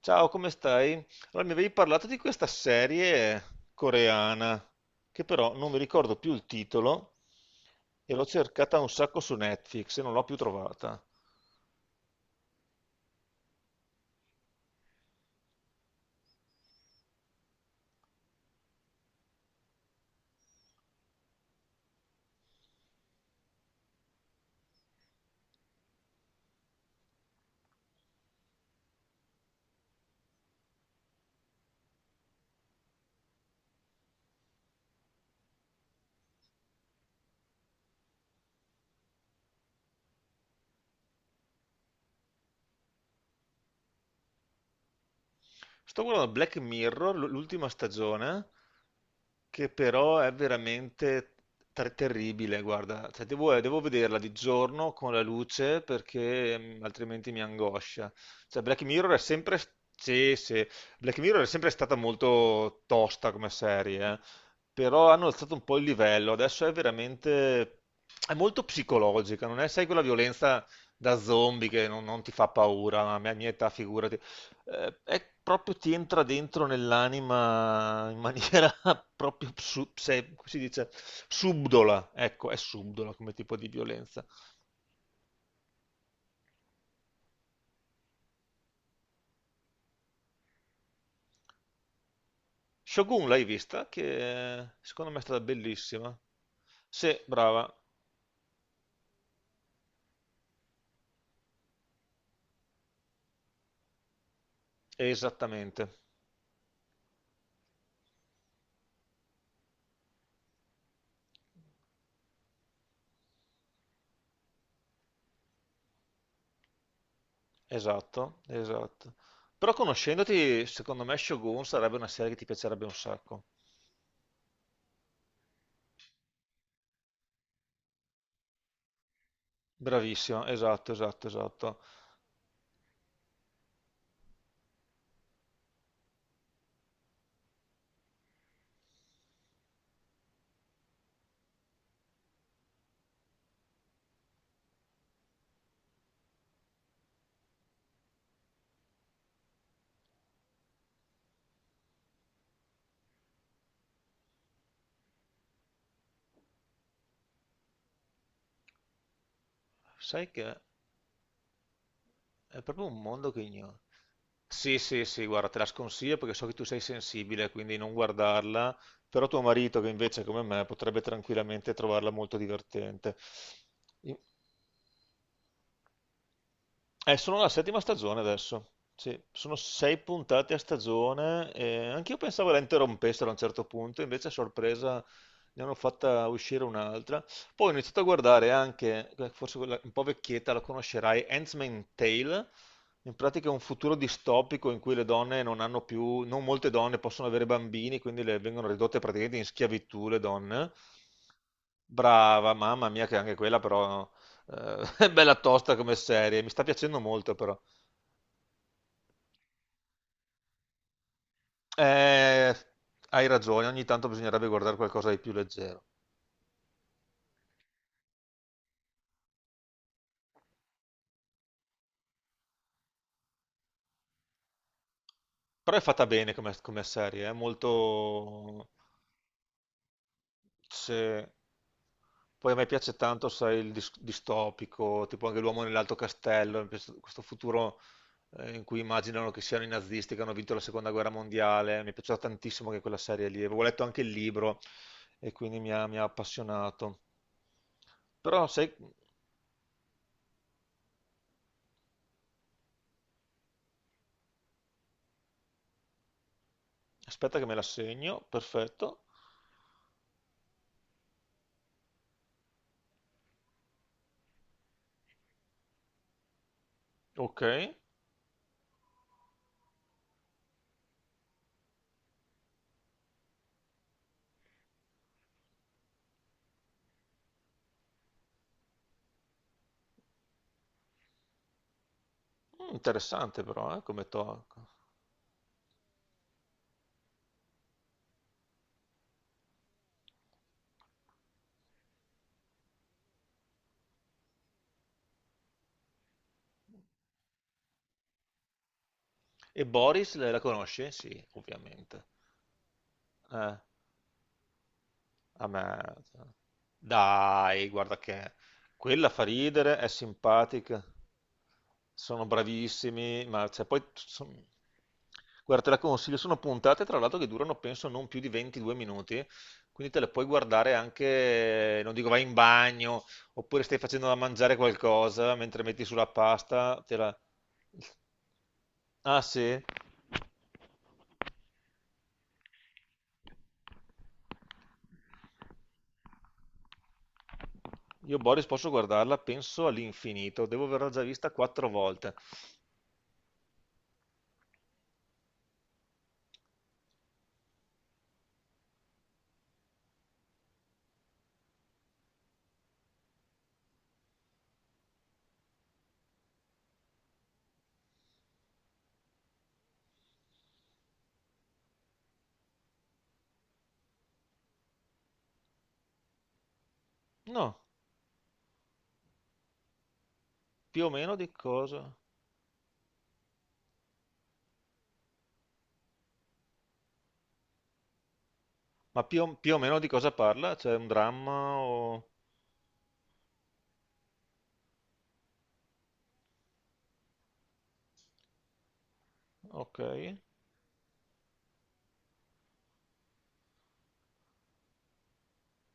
Ciao, come stai? Allora, mi avevi parlato di questa serie coreana, che però non mi ricordo più il titolo, e l'ho cercata un sacco su Netflix e non l'ho più trovata. Sto guardando Black Mirror, l'ultima stagione, che però è veramente terribile, guarda. Cioè, devo, devo vederla di giorno con la luce perché mm, altrimenti mi angoscia. Cioè, Black Mirror è sempre... sì, sì. Black Mirror è sempre stata molto tosta come serie, eh. Però hanno alzato un po' il livello, adesso è veramente... è molto psicologica, non è, sai, quella violenza da zombie che non, non ti fa paura, ma a mia, mia età figurati è proprio ti entra dentro nell'anima in maniera proprio, come si dice, subdola, ecco, è subdola come tipo di violenza. Shogun l'hai vista? Che secondo me è stata bellissima. Sì, brava, esattamente, esatto, esatto. Però conoscendoti, secondo me Shogun sarebbe una serie che ti piacerebbe un sacco. Bravissima, esatto, esatto, esatto. Sai che è proprio un mondo che ignoro. Sì, sì, sì, guarda, te la sconsiglio perché so che tu sei sensibile, quindi non guardarla, però tuo marito, che invece come me, potrebbe tranquillamente trovarla molto divertente. Sono alla settima stagione adesso. Sì, sono sei puntate a stagione. E anch'io pensavo la interrompessero a un certo punto, invece a sorpresa ne hanno fatta uscire un'altra. Poi ho iniziato a guardare anche, forse quella un po' vecchietta, la conoscerai, Handmaid's Tale. In pratica è un futuro distopico in cui le donne non hanno più, non molte donne possono avere bambini, quindi le vengono ridotte praticamente in schiavitù le donne. Brava, mamma mia, che anche quella però bella tosta come serie, mi sta piacendo molto però. Eh, hai ragione, ogni tanto bisognerebbe guardare qualcosa di più leggero. Però è fatta bene come, come serie, è molto... c'è- Poi a me piace tanto, sai, il distopico, tipo anche L'uomo nell'alto castello, mi piace questo futuro in cui immaginano che siano i nazisti che hanno vinto la seconda guerra mondiale. Mi è piaciuta tantissimo anche quella serie lì. Avevo letto anche il libro e quindi mi ha appassionato. Però sai, aspetta che me la segno, perfetto. Ok, mm, interessante però, come talk. E Boris, la conosci? Sì, ovviamente. Eh, A me... cioè. Dai, guarda che... Quella fa ridere, è simpatica, sono bravissimi, ma cioè, poi... Guarda, te la consiglio, sono puntate tra l'altro che durano penso non più di 22 minuti, quindi te le puoi guardare anche, non dico vai in bagno, oppure stai facendo da mangiare qualcosa mentre metti sulla pasta, te la... Ah sì? Io Boris posso guardarla, penso all'infinito, devo averla già vista quattro volte. No. Più o meno di cosa? Ma più, o più o meno di cosa parla? C'è un dramma o... Ok.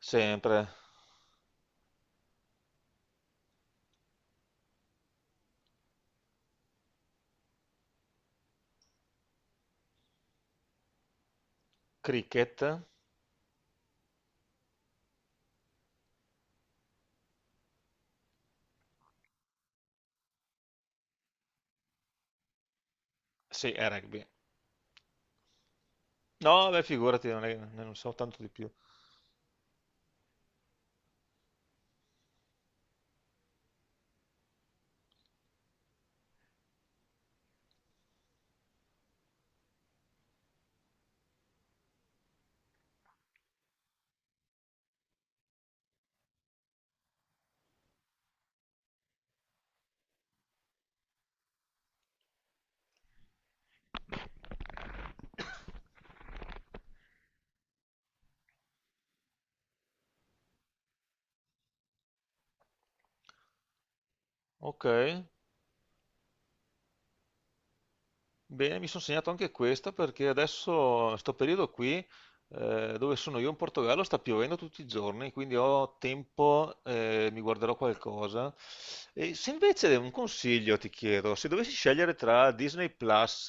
Sempre. Cricket? Sì, è rugby. No, beh, figurati, non, non so tanto di più. Ok. Bene, mi sono segnato anche questa perché adesso, sto periodo qui, dove sono io in Portogallo, sta piovendo tutti i giorni, quindi ho tempo, mi guarderò qualcosa. E se invece un consiglio ti chiedo, se dovessi scegliere tra Disney Plus,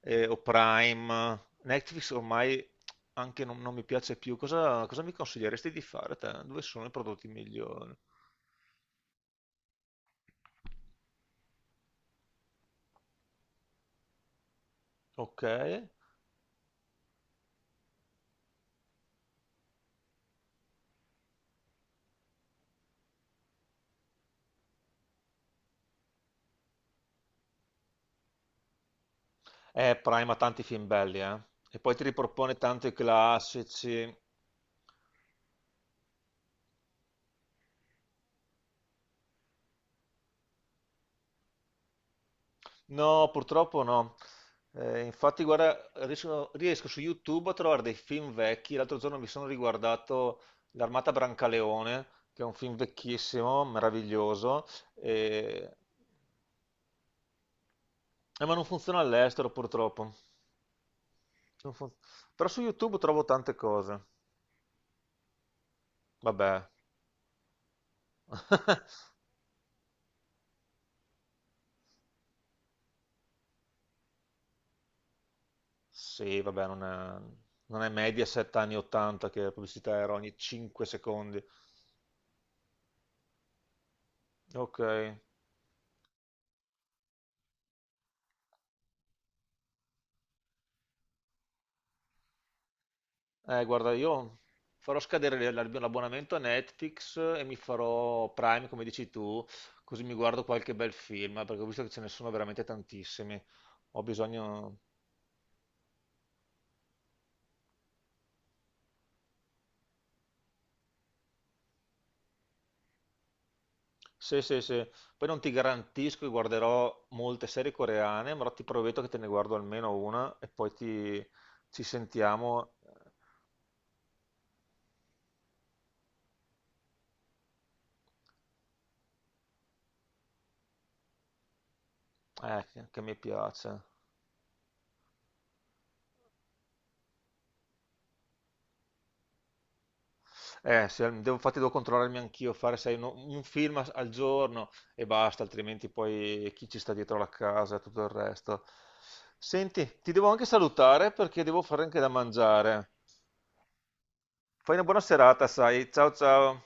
o Prime, Netflix ormai anche non, non mi piace più, cosa, cosa mi consiglieresti di fare te? Dove sono i prodotti migliori? Ok. Prime ha tanti film belli, eh. E poi ti ripropone tanto i classici. No, purtroppo no. Infatti, guarda, riesco, riesco su YouTube a trovare dei film vecchi. L'altro giorno mi sono riguardato L'Armata Brancaleone, che è un film vecchissimo, meraviglioso. e- eh, ma non funziona all'estero, purtroppo. Non fun- Però su YouTube trovo tante cose. Vabbè. Sì, vabbè, non è, non è Mediaset anni 80 che la pubblicità era ogni 5 secondi. Ok. Guarda, io farò scadere l'abbonamento a Netflix e mi farò Prime, come dici tu, così mi guardo qualche bel film, perché ho visto che ce ne sono veramente tantissimi. Ho bisogno... Sì, sì, sì. Poi non ti garantisco che guarderò molte serie coreane, ma ti prometto che te ne guardo almeno una e poi ti... ci sentiamo. Che mi piace. Devo, infatti devo controllarmi anch'io, fare sai, un film al giorno e basta, altrimenti poi chi ci sta dietro la casa e tutto il resto. Senti, ti devo anche salutare perché devo fare anche da mangiare. Fai una buona serata, sai. Ciao ciao.